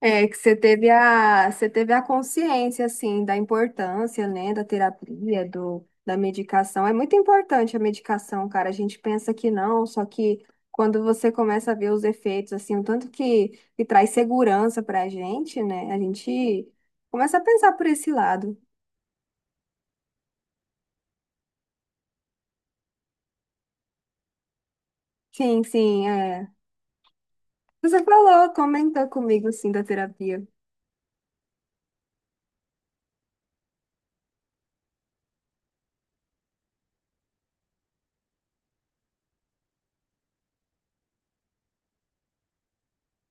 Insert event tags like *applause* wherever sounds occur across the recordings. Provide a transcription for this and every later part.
É, que você teve a consciência, assim, da importância, né, da terapia, da medicação. É muito importante a medicação, cara. A gente pensa que não, só que quando você começa a ver os efeitos, assim, o tanto que traz segurança pra gente, né, a gente começa a pensar por esse lado. Sim, sim, é. Você falou, comentou comigo, assim, da terapia.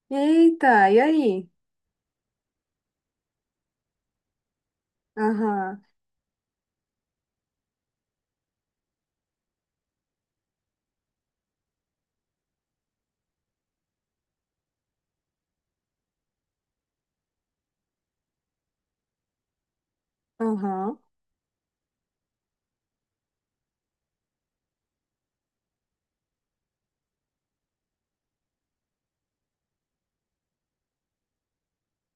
Eita, e aí? Aham, aham.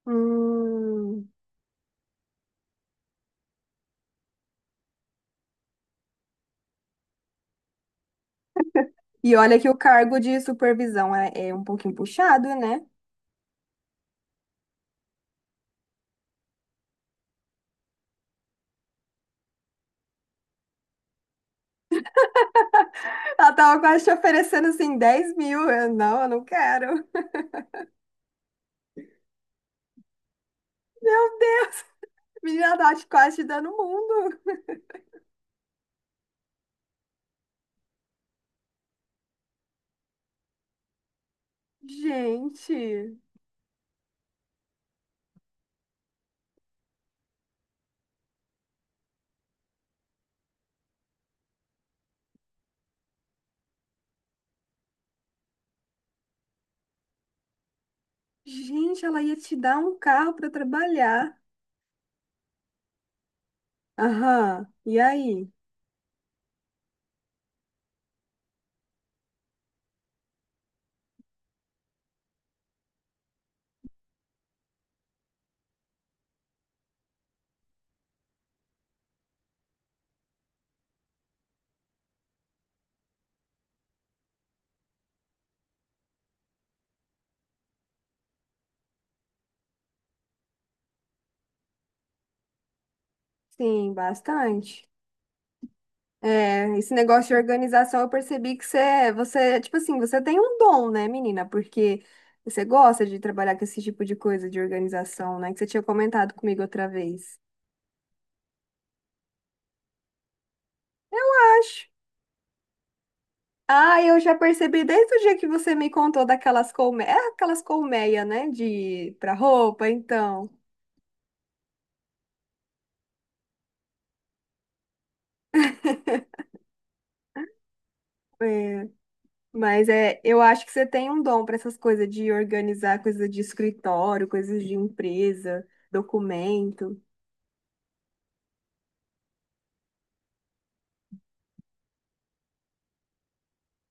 Hum. E olha que o cargo de supervisão é um pouquinho puxado, né? Ela tava quase te oferecendo assim 10 mil. Eu não quero. Meu Deus, menina, ela tava te quase te dando o mundo. Gente, gente, ela ia te dar um carro pra trabalhar. Aham, e aí? Sim, bastante. É, esse negócio de organização, eu percebi que você, tipo assim, você tem um dom, né, menina? Porque você gosta de trabalhar com esse tipo de coisa de organização, né? Que você tinha comentado comigo outra vez. Ah, eu já percebi desde o dia que você me contou daquelas colmeias, aquelas colmeias, né, de para roupa, então. É, mas é, eu acho que você tem um dom para essas coisas de organizar coisas de escritório, coisas de empresa, documento.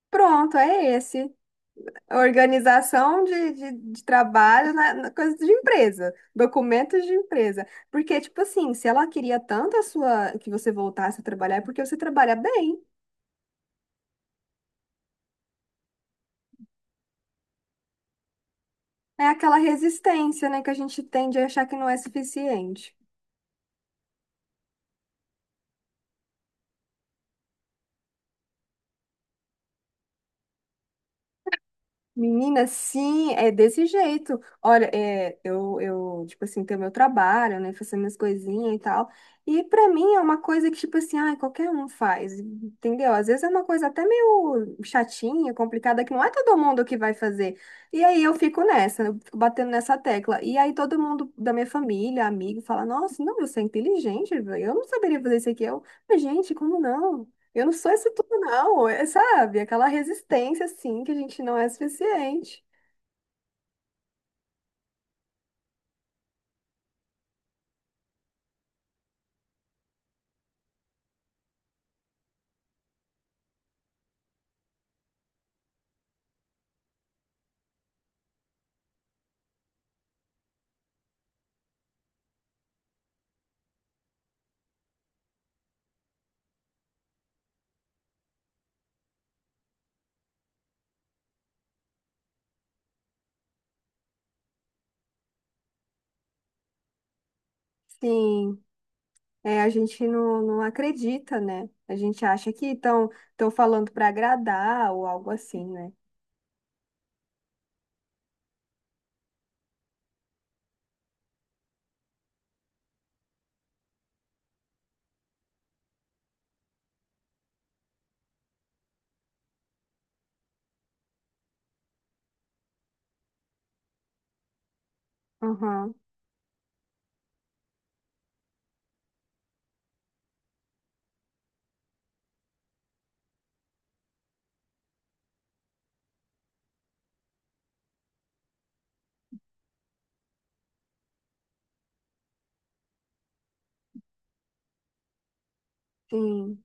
Pronto, é esse. Organização de trabalho na coisa de empresa, documentos de empresa. Porque, tipo assim, se ela queria tanto a sua que você voltasse a trabalhar, é porque você trabalha bem. É aquela resistência, né, que a gente tem de achar que não é suficiente. Menina, sim, é desse jeito. Olha, é, eu, tipo assim, tenho meu trabalho, né, faço minhas coisinhas e tal. E pra mim é uma coisa que, tipo assim, ai, qualquer um faz, entendeu? Às vezes é uma coisa até meio chatinha, complicada, que não é todo mundo que vai fazer. E aí eu fico nessa, eu fico batendo nessa tecla. E aí todo mundo da minha família, amigo, fala, nossa, não, você é inteligente, velho, eu não saberia fazer isso aqui. Eu, mas, gente, como não? Eu não sou isso tudo, não. É, sabe? Aquela resistência, assim, que a gente não é suficiente. Sim, é, a gente não acredita, né? A gente acha que estão falando para agradar ou algo assim, né? Aham, sim.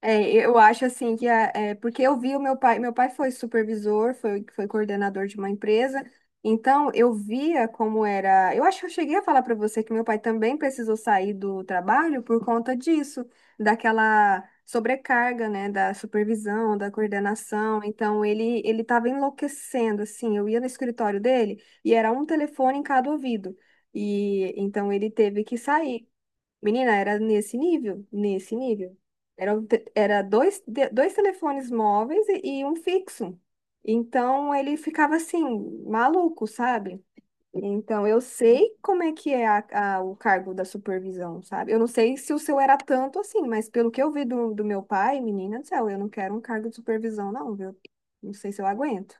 É, eu acho assim que é, porque eu vi o meu pai foi supervisor, foi coordenador de uma empresa, então eu via como era. Eu acho que eu cheguei a falar para você que meu pai também precisou sair do trabalho por conta disso, daquela sobrecarga, né, da supervisão, da coordenação. Então ele estava enlouquecendo, assim. Eu ia no escritório dele e era um telefone em cada ouvido. E então ele teve que sair. Menina, era nesse nível, nesse nível. Era, o te- era dois, dois telefones móveis e um fixo. Então ele ficava assim, maluco, sabe? Então eu sei como é que é a, o cargo da supervisão, sabe? Eu não sei se o seu era tanto assim, mas pelo que eu vi do meu pai, menina do céu, eu não quero um cargo de supervisão, não, viu? Não sei se eu aguento.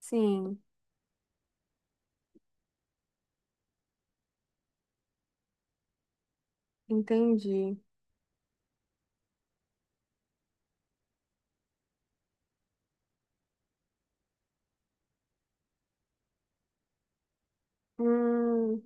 Sim, entendi. Hum.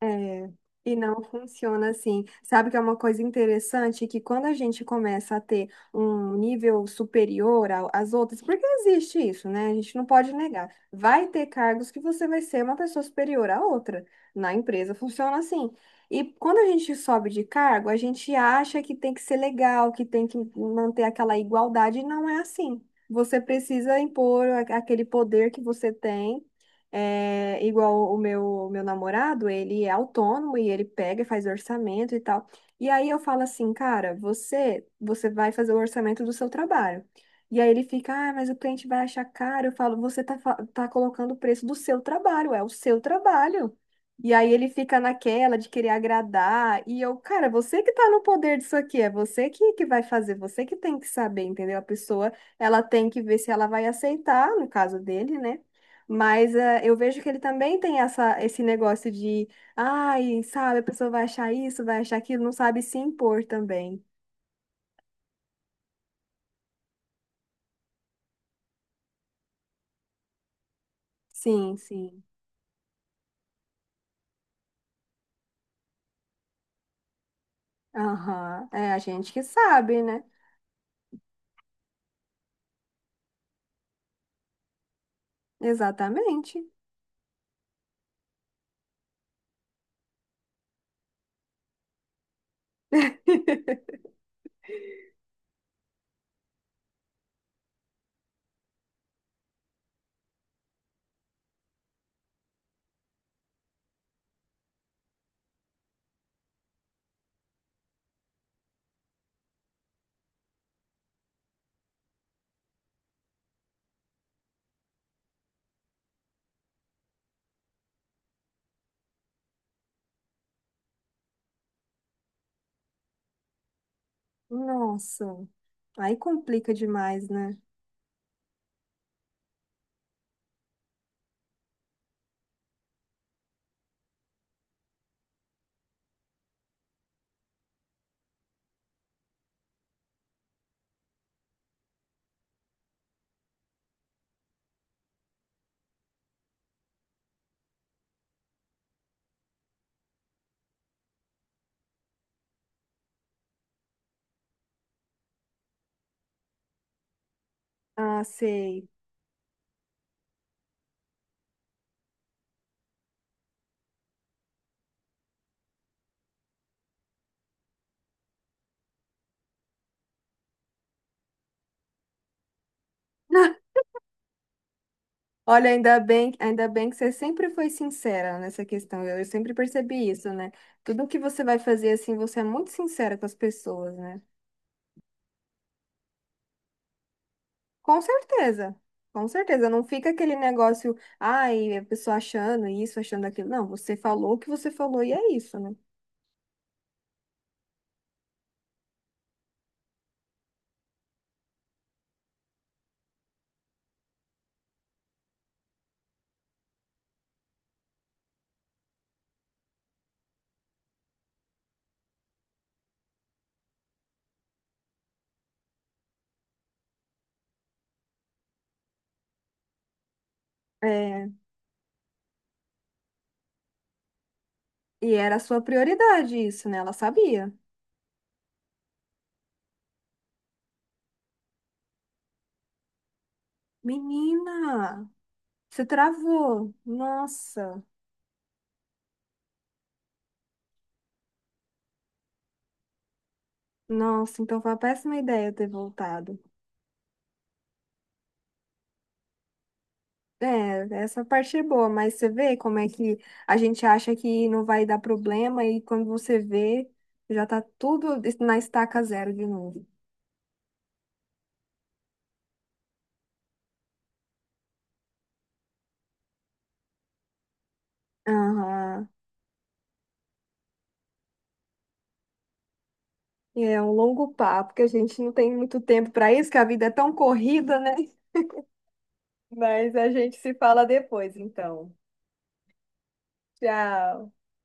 É, e não funciona assim. Sabe que é uma coisa interessante que quando a gente começa a ter um nível superior às outras, porque existe isso, né? A gente não pode negar. Vai ter cargos que você vai ser uma pessoa superior à outra. Na empresa funciona assim. E quando a gente sobe de cargo, a gente acha que tem que ser legal, que tem que manter aquela igualdade, e não é assim. Você precisa impor aquele poder que você tem. É, igual o meu namorado, ele é autônomo e ele pega e faz orçamento e tal. E aí eu falo assim, cara, você vai fazer o orçamento do seu trabalho. E aí ele fica, ah, mas o cliente vai achar caro. Eu falo, você tá, tá colocando o preço do seu trabalho, é o seu trabalho. E aí ele fica naquela de querer agradar. E eu, cara, você que tá no poder disso aqui, é você que vai fazer, você que tem que saber, entendeu? A pessoa, ela tem que ver se ela vai aceitar, no caso dele, né? Mas eh, eu vejo que ele também tem esse negócio de, ai, sabe, a pessoa vai achar isso, vai achar aquilo, não sabe se impor também. Sim, sim. Aham. É a gente que sabe, né? Exatamente. *laughs* Nossa, aí complica demais, né? Ah, sei. *laughs* Olha, ainda bem que você sempre foi sincera nessa questão. Eu sempre percebi isso, né? Tudo que você vai fazer assim, você é muito sincera com as pessoas, né? Com certeza, com certeza. Não fica aquele negócio, ai, a pessoa achando isso, achando aquilo. Não, você falou o que você falou e é isso, né? É, e era a sua prioridade isso, né? Ela sabia. Menina, você travou. Nossa, nossa, então foi uma péssima ideia ter voltado. É, essa parte é boa, mas você vê como é que a gente acha que não vai dar problema e quando você vê, já tá tudo na estaca zero de novo. Aham. É um longo papo, que a gente não tem muito tempo para isso, que a vida é tão corrida, né? Mas a gente se fala depois, então. Tchau.